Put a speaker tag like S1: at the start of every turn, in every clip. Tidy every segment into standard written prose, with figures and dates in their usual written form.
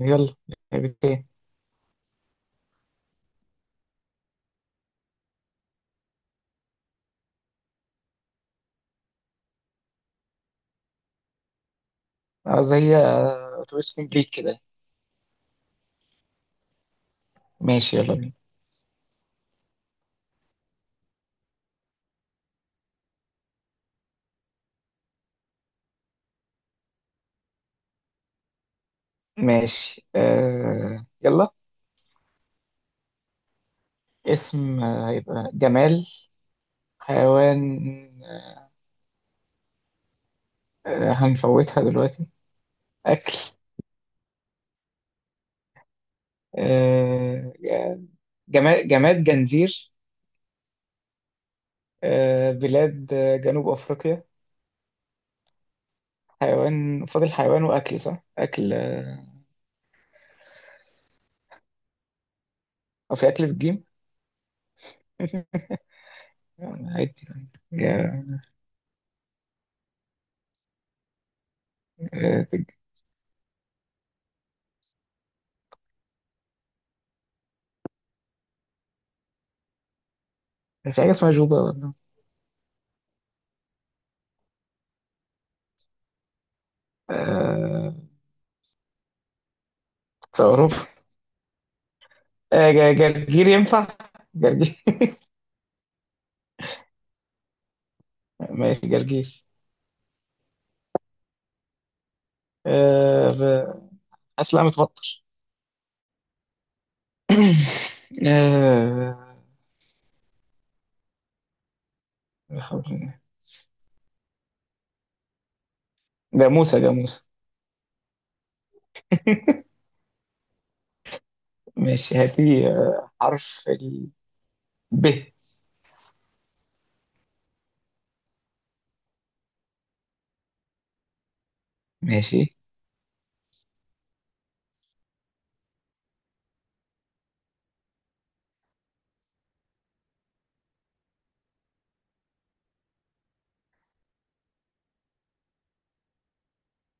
S1: يلا. لعبتين. اه، زي اتوبيس كومبليت كده. ماشي، يلا بينا. ماشي يلا. اسم هيبقى جمال. حيوان آه هنفوتها دلوقتي. أكل آه جماد جنزير. بلاد جنوب أفريقيا. حيوان فاضل، حيوان وأكل، صح؟ أكل أو في أكل بالجيم؟ عادي. جا- آه، في حاجة اسمها جوبا ولا آه، جرجير ينفع؟ جرجير. ماشي، جرجير. آه، ب- حاسس، لا، متوتر. آه، لا حول ولا قوة. جاموسة جاموسة. ماشي، هاتي حرف ال ب. ماشي،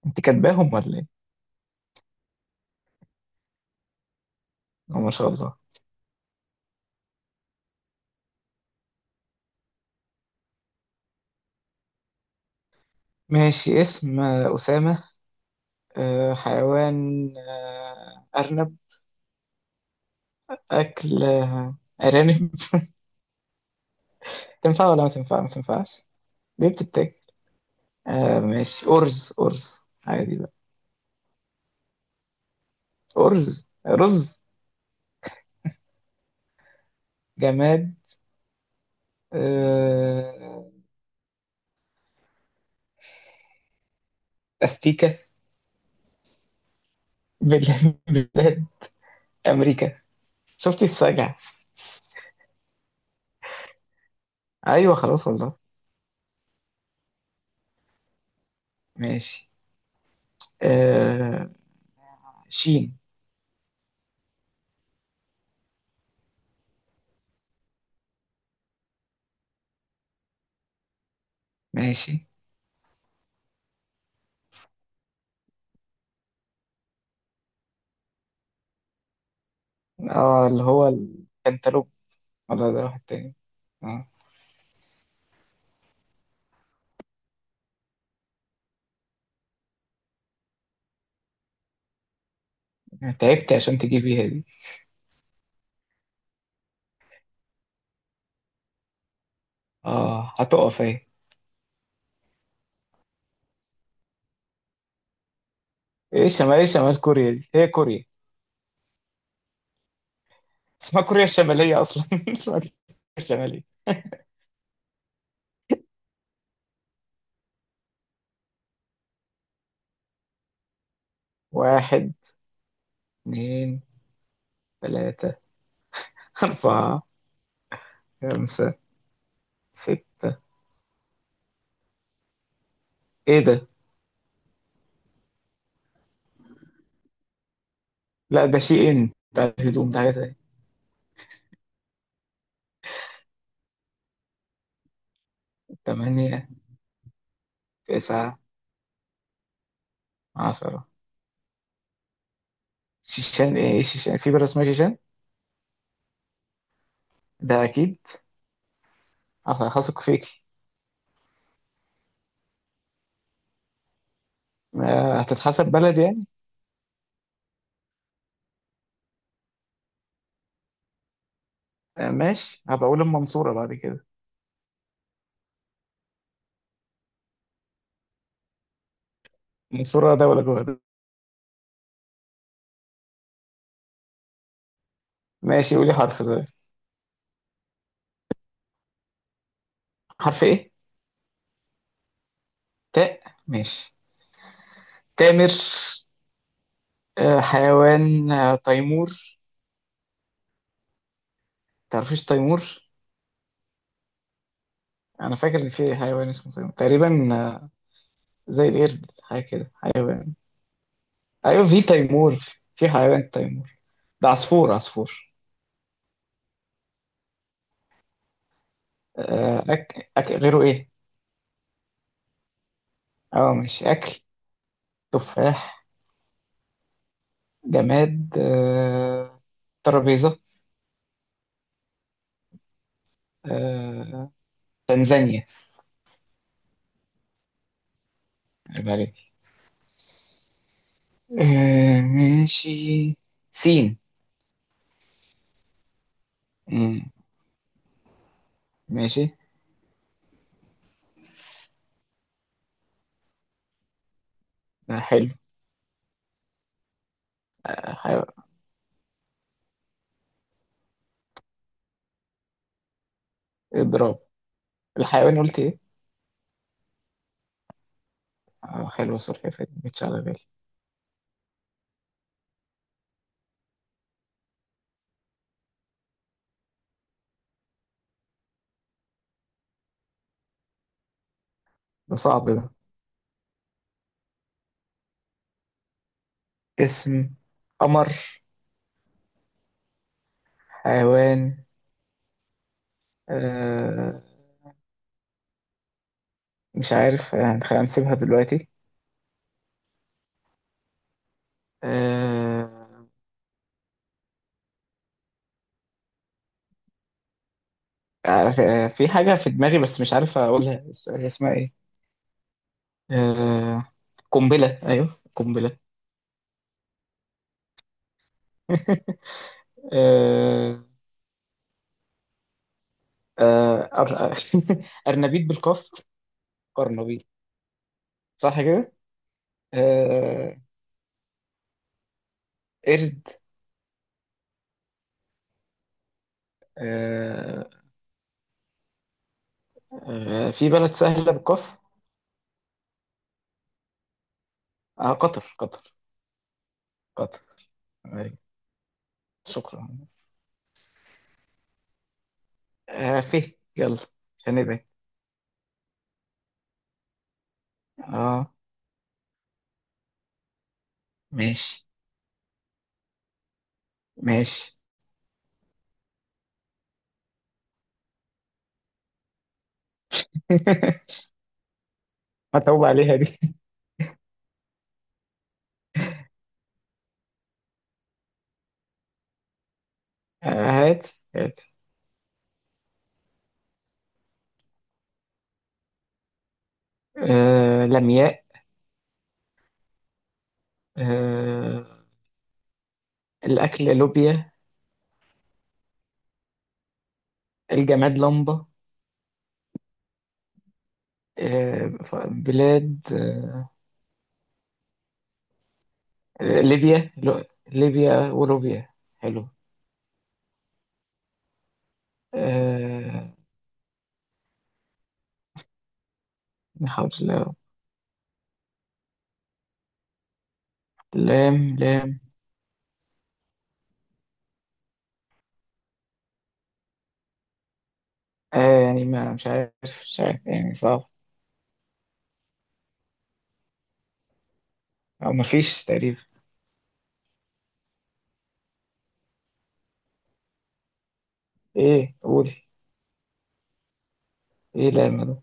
S1: انت كاتباهم ولا ايه؟ ما شاء الله. ماشي، اسم أسامة. حيوان أرنب. أكل أرانب. تنفع ولا ما تنفع؟ ما تنفعش. ليه بتتاكل؟ آه، ماشي، أرز أرز. عادي بقى. أرز، رز. جماد آه، أستيكة. بلاد بلاد أمريكا. شفتي السجع. أيوة، خلاص والله. ماشي آه، شين. ماشي. اه، اللي هو الكنتالوب، ولا ده واحد تاني؟ اه. تعبت عشان تجيبيها دي. اه، هتقف اهي. ايه شمال، ايه شمال كوريا؟ دي هي كوريا، اسمها كوريا الشمالية أصلا. اسمها كوريا الشمالية. واحد، اتنين، تلاتة، أربعة، خمسة، ستة. ايه ده؟ لا، ده شيء بتاع الهدوم، ده حاجة. تمانية، تسعة، عشرة. شيشان؟ ايه؟ شيشان؟ في بلد اسمها شيشان، ده اكيد. أصل هثق فيكي. ما هتتحسب بلد يعني. ماشي، هبقى اقول المنصورة بعد كده. المنصورة دولة جوه ده. ماشي، قولي حرف ده. حرف ايه؟ تاء. ماشي، تامر. حيوان تيمور. تعرفيش تيمور؟ انا فاكر ان في حيوان اسمه تيمور تقريبا. آه، زي القرد، حاجة كده، حيوان. ايوه، في تيمور. في حيوان تيمور. ده عصفور، عصفور. غيره إيه؟ أه، مش أكل. تفاح. جماد ترابيزة. آه، تنزانيا. عيب عليك. ماشي. سين. مم، ماشي. ده حلو. آه، حيو... إضراب. الحيوان قلت إيه؟ حلوة، سلحفاة دي مش على بالي. ده صعب ده. اسم، قمر. حيوان آه، مش عارف، هنسيبها دلوقتي. آه، في حاجة في دماغي، بس مش عارف أقولها، بس هي اسمها إيه؟ آه... قنبلة، أيوه قنبلة. آه... آه... أر... أرنبيط بالقاف. أرنبيط، صح كده؟ آه... قرد. آه... في بلد سهلة بالقاف. آه، قطر، قطر. قطر. أيوة. شكرا. فيه، يلا، عشان نبعد. اه، ماشي ماشي. متعوب عليها دي. هات هات. لمياء. آه، الأكل لوبيا. الجماد لمبة. بلاد ليبيا، ليبيا ولوبيا. حلو. آه، نحاول لام لام. يعني ما مش عارف. مش عارف، يعني صعب. أو ما فيش تقريبا. إيه؟ قولي. إيه لام ده؟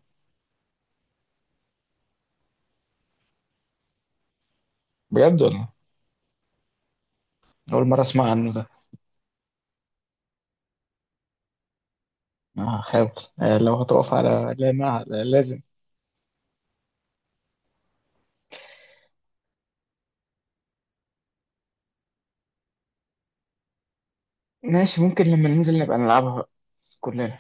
S1: بجد ولا؟ أول مرة أسمع عنه ده. هحاول. آه، لو هتقف على لام لازم. ماشي، ممكن لما ننزل نبقى نلعبها بقى كلنا.